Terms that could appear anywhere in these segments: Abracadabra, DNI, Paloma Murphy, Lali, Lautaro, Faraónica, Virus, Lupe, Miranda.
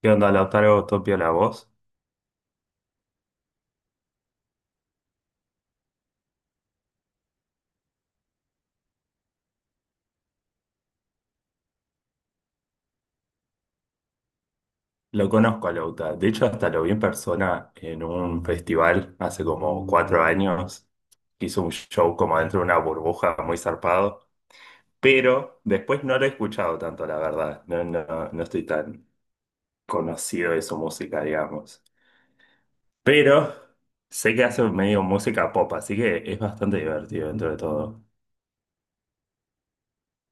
¿Qué onda, Lautaro? Topia la voz. Lo conozco a Lauta. De hecho, hasta lo vi en persona en un festival hace como 4 años. Hizo un show como dentro de una burbuja muy zarpado. Pero después no lo he escuchado tanto, la verdad. No, no, no estoy tan conocido de su música, digamos. Pero sé que hace medio música pop, así que es bastante divertido dentro de todo.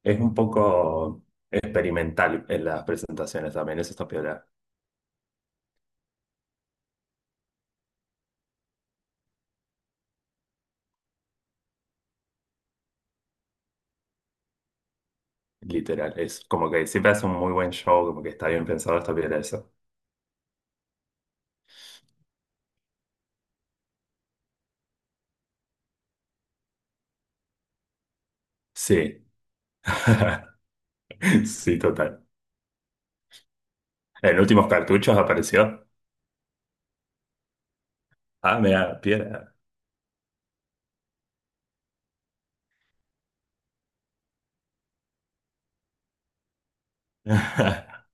Es un poco experimental en las presentaciones también. Eso está peor. Literal, es como que siempre hace un muy buen show, como que está bien pensado, está bien eso. Sí, sí, total. En últimos cartuchos apareció. Ah, mira, piedra.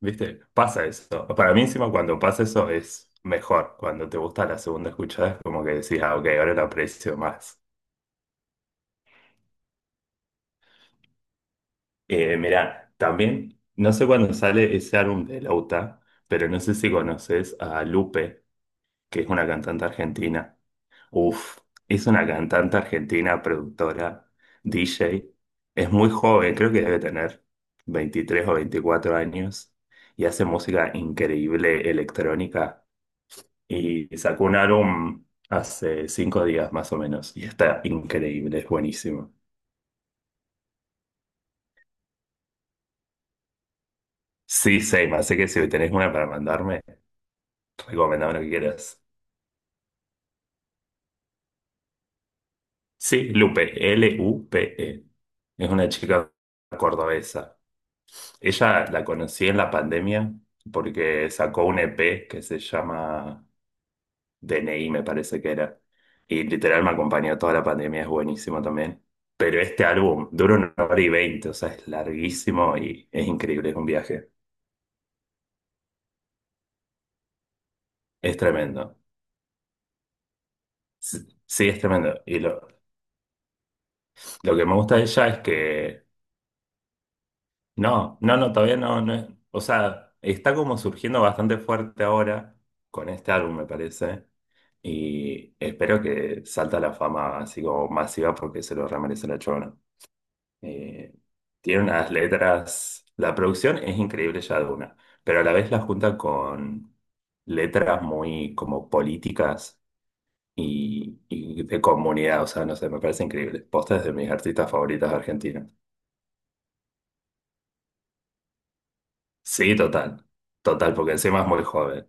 ¿Viste? Pasa eso. Para mí encima cuando pasa eso es mejor. Cuando te gusta la segunda escuchada es como que decís, ah, ok, ahora lo aprecio más. Mira, también, no sé cuándo sale ese álbum de Lauta, pero no sé si conoces a Lupe, que es una cantante argentina. Uf, es una cantante argentina, productora, DJ. Es muy joven, creo que debe tener 23 o 24 años y hace música increíble electrónica. Y sacó un álbum hace 5 días más o menos y está increíble, es buenísimo. Sí, Seima, así que si tenés una para mandarme, recomendame lo que quieras. Sí, Lupe, Lupe. Es una chica cordobesa. Ella la conocí en la pandemia porque sacó un EP que se llama DNI, me parece que era. Y literal me acompañó toda la pandemia, es buenísimo también. Pero este álbum dura una hora y veinte, o sea, es larguísimo y es increíble, es un viaje. Es tremendo. Sí, es tremendo. Y lo que me gusta de ella es que, no, no, no, todavía no, o sea, está como surgiendo bastante fuerte ahora con este álbum, me parece. Y espero que salta a la fama así como masiva porque se lo remerece la chona. Eh, tiene unas letras, la producción es increíble ya de una, pero a la vez la junta con letras muy como políticas y de comunidad, o sea, no sé, me parece increíble. Posta es de mis artistas favoritas argentinas. Sí, total, total, porque encima es muy joven,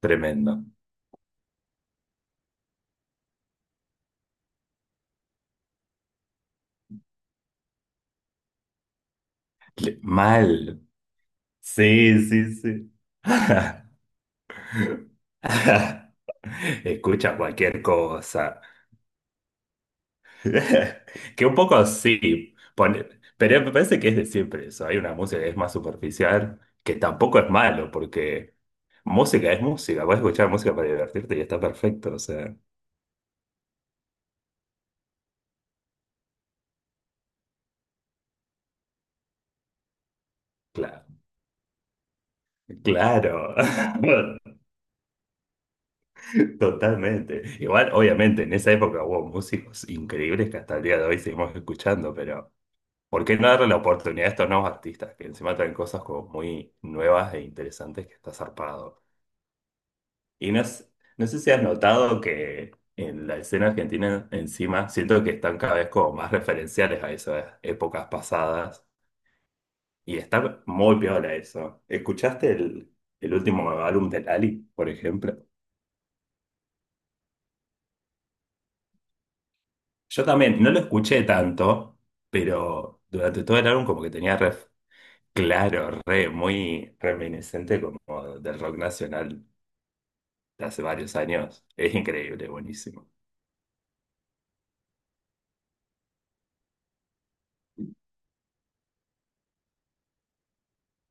tremendo. Mal. Sí, sí, sí. Escucha cualquier cosa. Que un poco sí, pero me parece que es de siempre eso. Hay una música que es más superficial, que tampoco es malo, porque música es música. Puedes escuchar música para divertirte y está perfecto. O sea, claro. Claro, totalmente. Igual, obviamente, en esa época hubo músicos increíbles que hasta el día de hoy seguimos escuchando, pero ¿por qué no darle la oportunidad a estos nuevos artistas que encima traen cosas como muy nuevas e interesantes que está zarpado? Y no, no sé si has notado que en la escena argentina encima siento que están cada vez como más referenciales a esas épocas pasadas y está muy piola eso. ¿Escuchaste el último álbum de Lali, por ejemplo? Yo también no lo escuché tanto, pero durante todo el álbum como que tenía. Claro, re, muy reminiscente como del rock nacional hace varios años. Es increíble, buenísimo.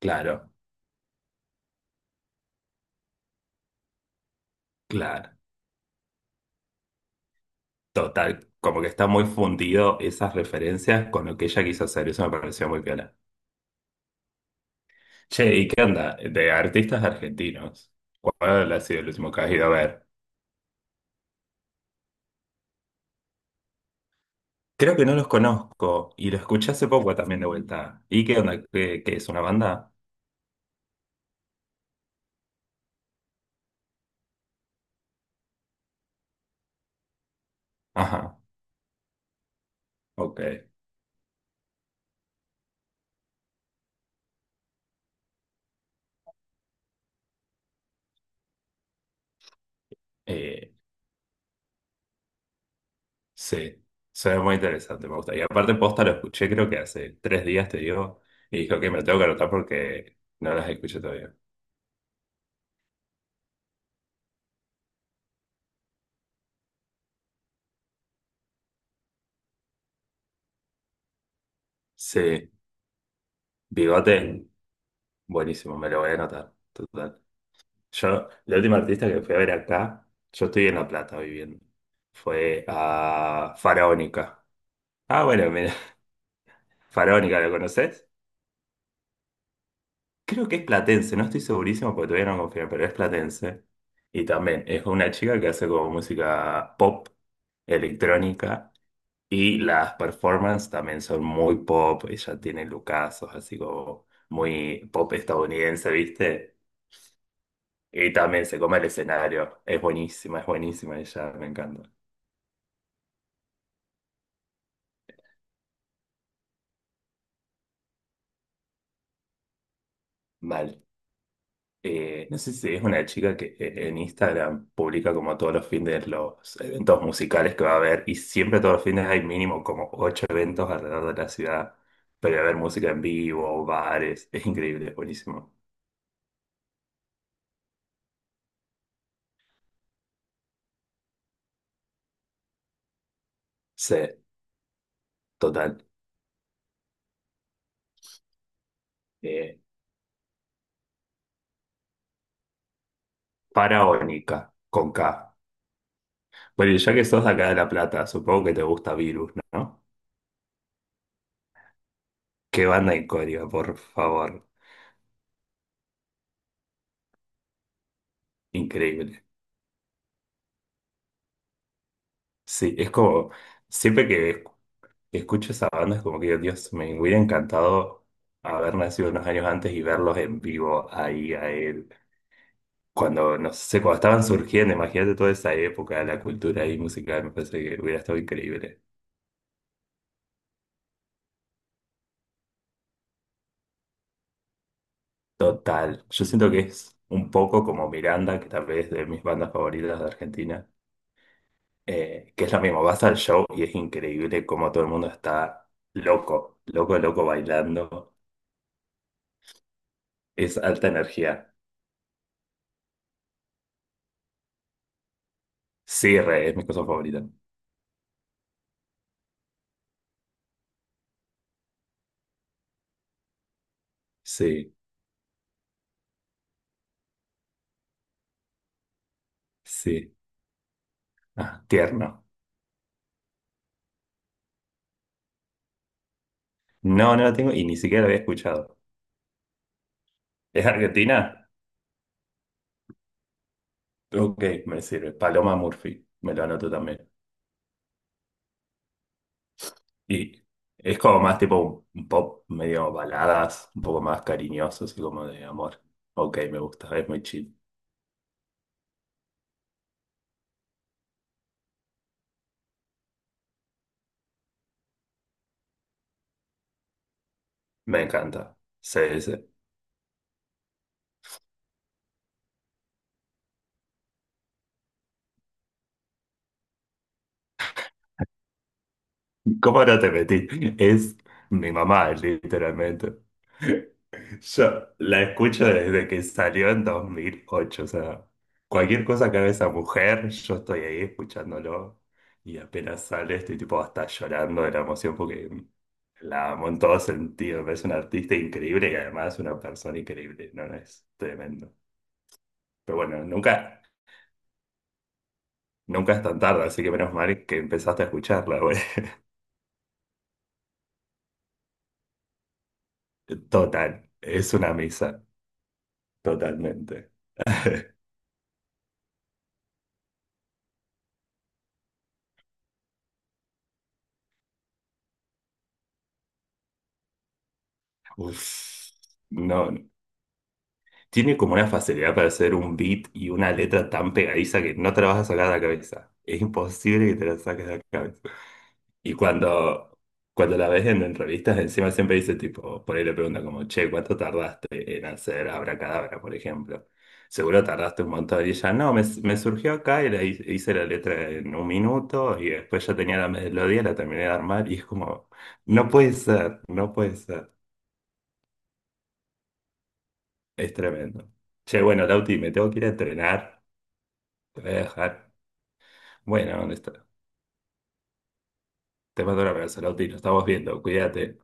Claro, claro. Total, como que está muy fundido esas referencias con lo que ella quiso hacer. Eso me pareció muy piola. Che, ¿y qué onda? De artistas argentinos. ¿Cuál ha sido el último que has ido a ver? Creo que no los conozco y lo escuché hace poco también de vuelta. ¿Y qué onda? ¿Qué es una banda? Ajá, ok. Eh, Sí, suena muy interesante, me gusta. Y aparte, posta lo escuché, creo que hace 3 días te digo, y dijo que me lo tengo que anotar porque no las escuché todavía. Sí, Bigote, buenísimo, me lo voy a anotar. Total. Yo, la última artista que fui a ver acá, yo estoy en La Plata viviendo, fue a Faraónica. Ah, bueno, mira, Faraónica, ¿lo conoces? Creo que es platense, no estoy segurísimo porque todavía no confío, pero es platense. Y también es una chica que hace como música pop, electrónica. Y las performances también son muy pop, ella tiene lucazos, así como muy pop estadounidense, ¿viste? Y también se come el escenario, es buenísima ella, me encanta. Mal. No sé si es una chica que en Instagram publica como todos los fines los eventos musicales que va a haber y siempre todos los fines hay mínimo como ocho eventos alrededor de la ciudad, pero va a haber música en vivo, bares, es increíble, es buenísimo. Sí, total. Eh, Paraónica, con K. Bueno, y ya que sos de acá de La Plata, supongo que te gusta Virus, ¿no? Qué banda icónica, por favor. Increíble. Sí, es como, siempre que escucho esa banda es como que, Dios, me hubiera encantado haber nacido unos años antes y verlos en vivo ahí a él. Cuando, no sé, cuando estaban surgiendo, imagínate toda esa época, la cultura ahí musical, me parece que hubiera estado increíble. Total. Yo siento que es un poco como Miranda, que tal vez es de mis bandas favoritas de Argentina que es lo mismo, vas al show y es increíble cómo todo el mundo está loco, loco, loco bailando. Es alta energía. Sí, re, es mi cosa favorita. Sí, sí. Ah, tierno. No, no la tengo y ni siquiera la había escuchado. ¿Es Argentina? Ok, me sirve. Paloma Murphy, me lo anoto también. Y es como más tipo un pop medio baladas, un poco más cariñoso, así como de amor. Ok, me gusta, es muy chill. Me encanta. Sí, sí. ¿Cómo no te metí? Es mi mamá, literalmente. Yo la escucho desde que salió en 2008, o sea, cualquier cosa que haga esa mujer, yo estoy ahí escuchándolo y apenas sale estoy tipo hasta llorando de la emoción porque la amo en todo sentido, me parece una artista increíble y además una persona increíble, no, no, es tremendo. Pero bueno, nunca es tan tarde, así que menos mal que empezaste a escucharla, güey. Total, es una misa. Totalmente. Uf, no, no. Tiene como una facilidad para hacer un beat y una letra tan pegadiza que no te la vas a sacar de la cabeza. Es imposible que te la saques de la cabeza. Y cuando la ves en entrevistas, encima siempre dice tipo, por ahí le pregunta como, che, ¿cuánto tardaste en hacer Abracadabra, por ejemplo? Seguro tardaste un montón. Y ella, no, me surgió acá y la hice la letra en un minuto y después ya tenía la melodía, la terminé de armar y es como, no puede ser, no puede ser. Es tremendo. Che, bueno, Lauti, me tengo que ir a entrenar. Te voy a dejar. Bueno, ¿dónde está? Te mando un abrazo, Lauti. Nos estamos viendo. Cuídate.